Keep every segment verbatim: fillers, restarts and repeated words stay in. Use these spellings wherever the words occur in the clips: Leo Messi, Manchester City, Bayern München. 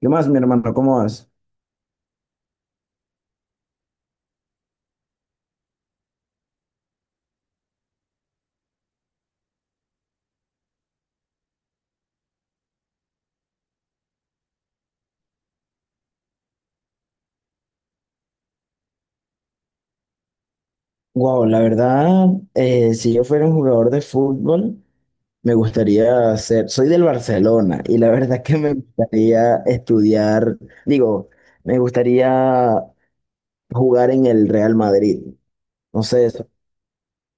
¿Qué más, mi hermano? ¿Cómo vas? Wow, la verdad, eh, si yo fuera un jugador de fútbol, me gustaría ser, soy del Barcelona y la verdad que me gustaría estudiar, digo, me gustaría jugar en el Real Madrid. No sé, so-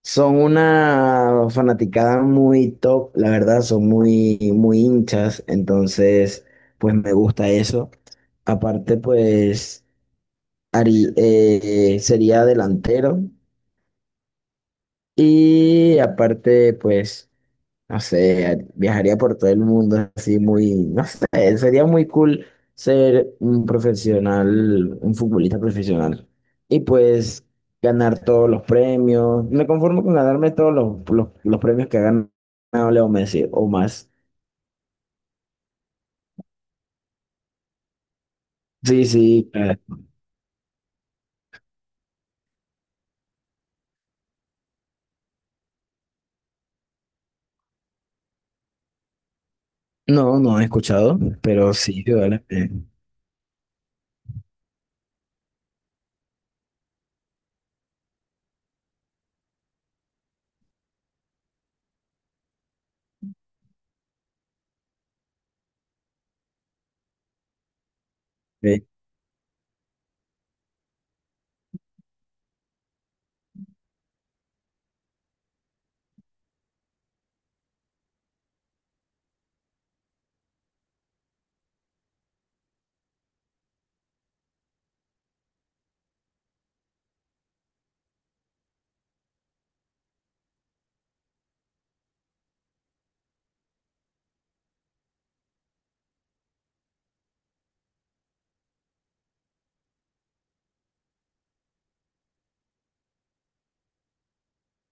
son una fanaticada muy top, la verdad, son muy, muy hinchas, entonces, pues me gusta eso. Aparte, pues, harí- eh, sería delantero. Y aparte, pues, no sé, viajaría por todo el mundo así muy, no sé, sería muy cool ser un profesional, un futbolista profesional. Y pues ganar todos los premios. Me conformo con ganarme todos los, los, los premios que ha ganado Leo Messi o más. Sí, sí. eh, No, no he escuchado, pero sí, vale. eh, eh,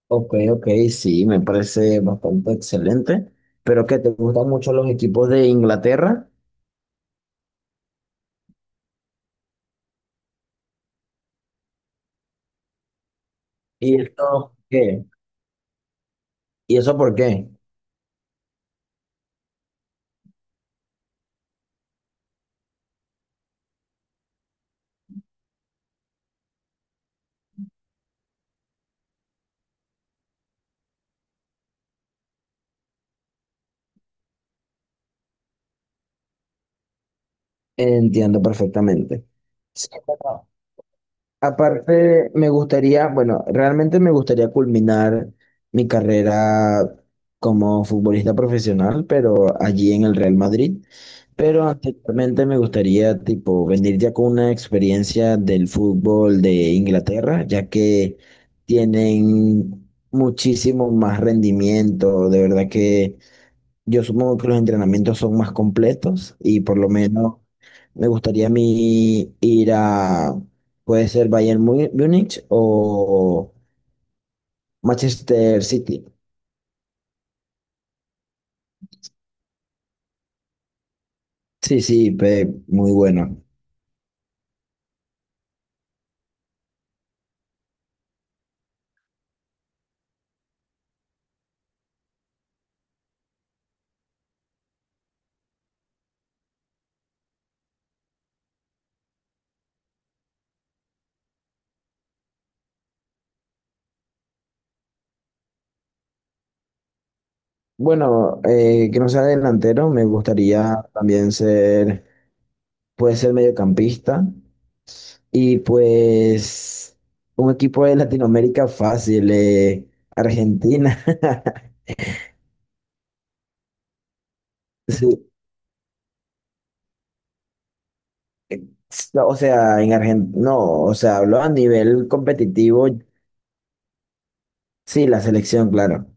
Ok, ok, sí, me parece bastante excelente. Pero que te gustan mucho los equipos de Inglaterra. ¿Y eso qué? ¿Y eso por qué? Entiendo perfectamente. Sí, bueno, aparte, me gustaría, bueno, realmente me gustaría culminar mi carrera como futbolista profesional, pero allí en el Real Madrid. Pero anteriormente me gustaría, tipo, venir ya con una experiencia del fútbol de Inglaterra, ya que tienen muchísimo más rendimiento. De verdad que yo supongo que los entrenamientos son más completos y por lo menos me gustaría a mí ir a, puede ser Bayern Mu- Múnich o Manchester City. Sí, sí, pe- muy bueno. Bueno, eh, que no sea delantero, me gustaría también ser, puede ser mediocampista y pues un equipo de Latinoamérica fácil, eh, Argentina. Sí, no, o sea, en Argentina, no, o sea, hablo a nivel competitivo, sí, la selección, claro.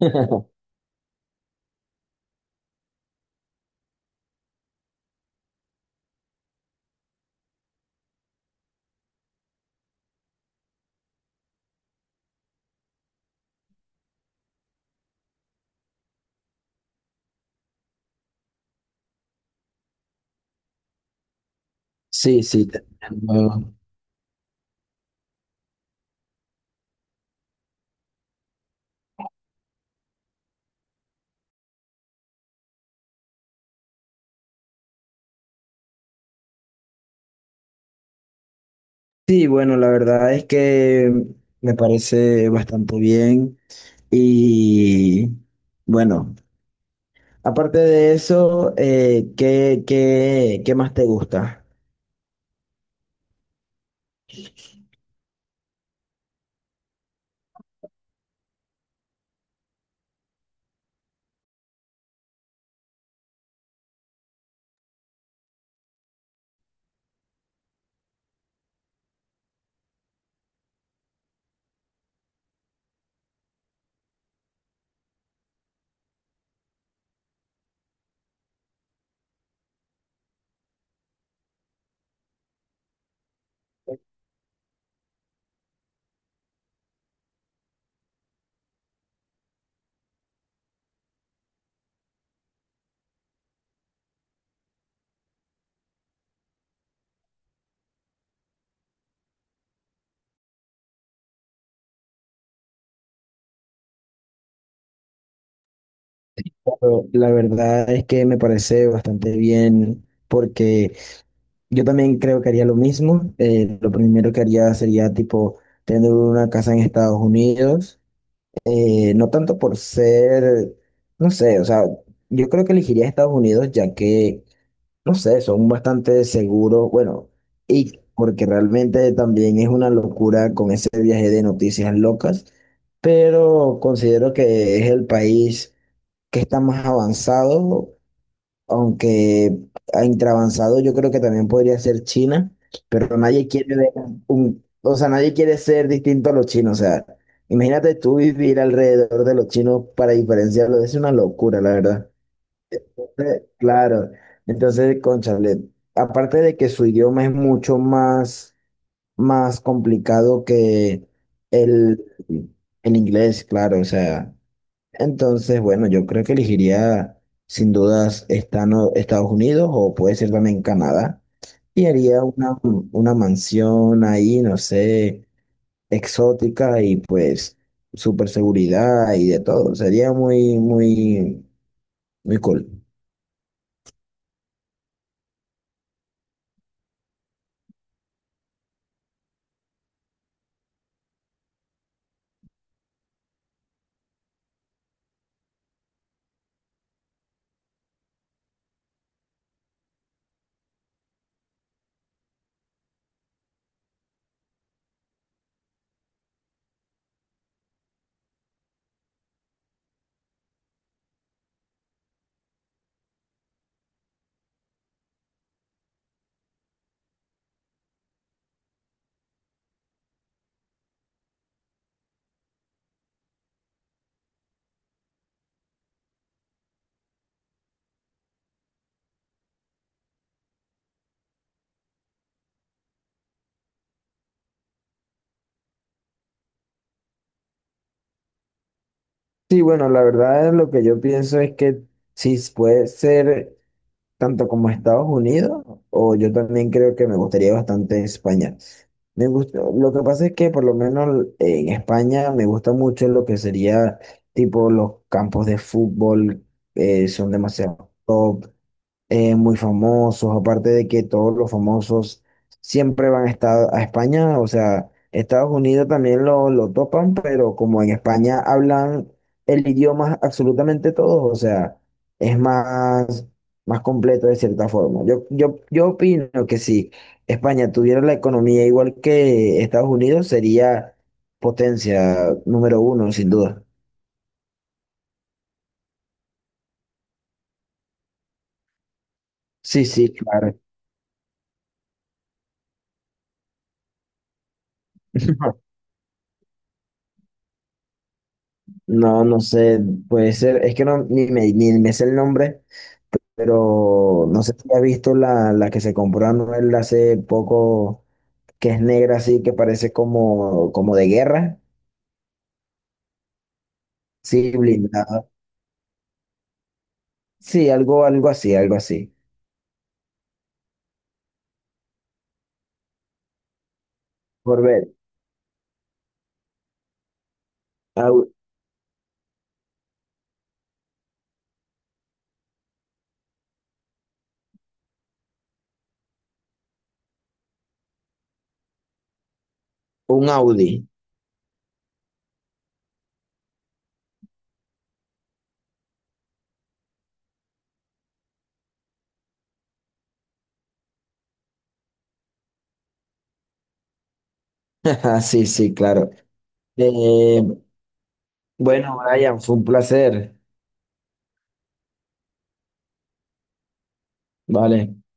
Sí, sí. Te entiendo. Sí, bueno, la verdad es que me parece bastante bien y bueno, aparte de eso, eh, ¿qué, qué, qué más te gusta? Pero la verdad es que me parece bastante bien porque yo también creo que haría lo mismo. Eh, lo primero que haría sería tipo tener una casa en Estados Unidos. Eh, no tanto por ser, no sé, o sea, yo creo que elegiría Estados Unidos ya que, no sé, son bastante seguros. Bueno, y porque realmente también es una locura con ese viaje de noticias locas, pero considero que es el país que está más avanzado, aunque intravanzado yo creo que también podría ser China, pero nadie quiere ver un, o sea, nadie quiere ser distinto a los chinos, o sea, imagínate tú vivir alrededor de los chinos para diferenciarlos, es una locura, la verdad. Eh, Claro, entonces, cónchale, aparte de que su idioma es mucho más, más complicado que el, el inglés, claro, o sea, entonces, bueno, yo creo que elegiría sin dudas Estano- Estados Unidos o puede ser también Canadá, y haría una, una mansión ahí, no sé, exótica y pues super seguridad y de todo. Sería muy, muy, muy cool. Sí, bueno, la verdad lo que yo pienso es que si puede ser, tanto como Estados Unidos, o yo también creo que me gustaría bastante España. Me gusta, lo que pasa es que por lo menos en España me gusta mucho lo que sería tipo los campos de fútbol, eh, son demasiado top, eh, muy famosos, aparte de que todos los famosos siempre van a estar a España, o sea, Estados Unidos también lo, lo topan, pero como en España hablan el idioma absolutamente todos, o sea, es más, más completo de cierta forma. Yo, yo, yo opino que si España tuviera la economía igual que Estados Unidos, sería potencia número uno, sin duda. Sí, sí, claro. No, no sé, puede ser, es que no, ni me, ni me sé el nombre, pero no sé si has visto la, la que se compró Anuel hace poco, que es negra así, que parece como, como de guerra, sí, blindada, sí, algo, algo así, algo así, por ver, au- un Audi. Sí, sí, claro. Eh, bueno, Brian, fue un placer, vale.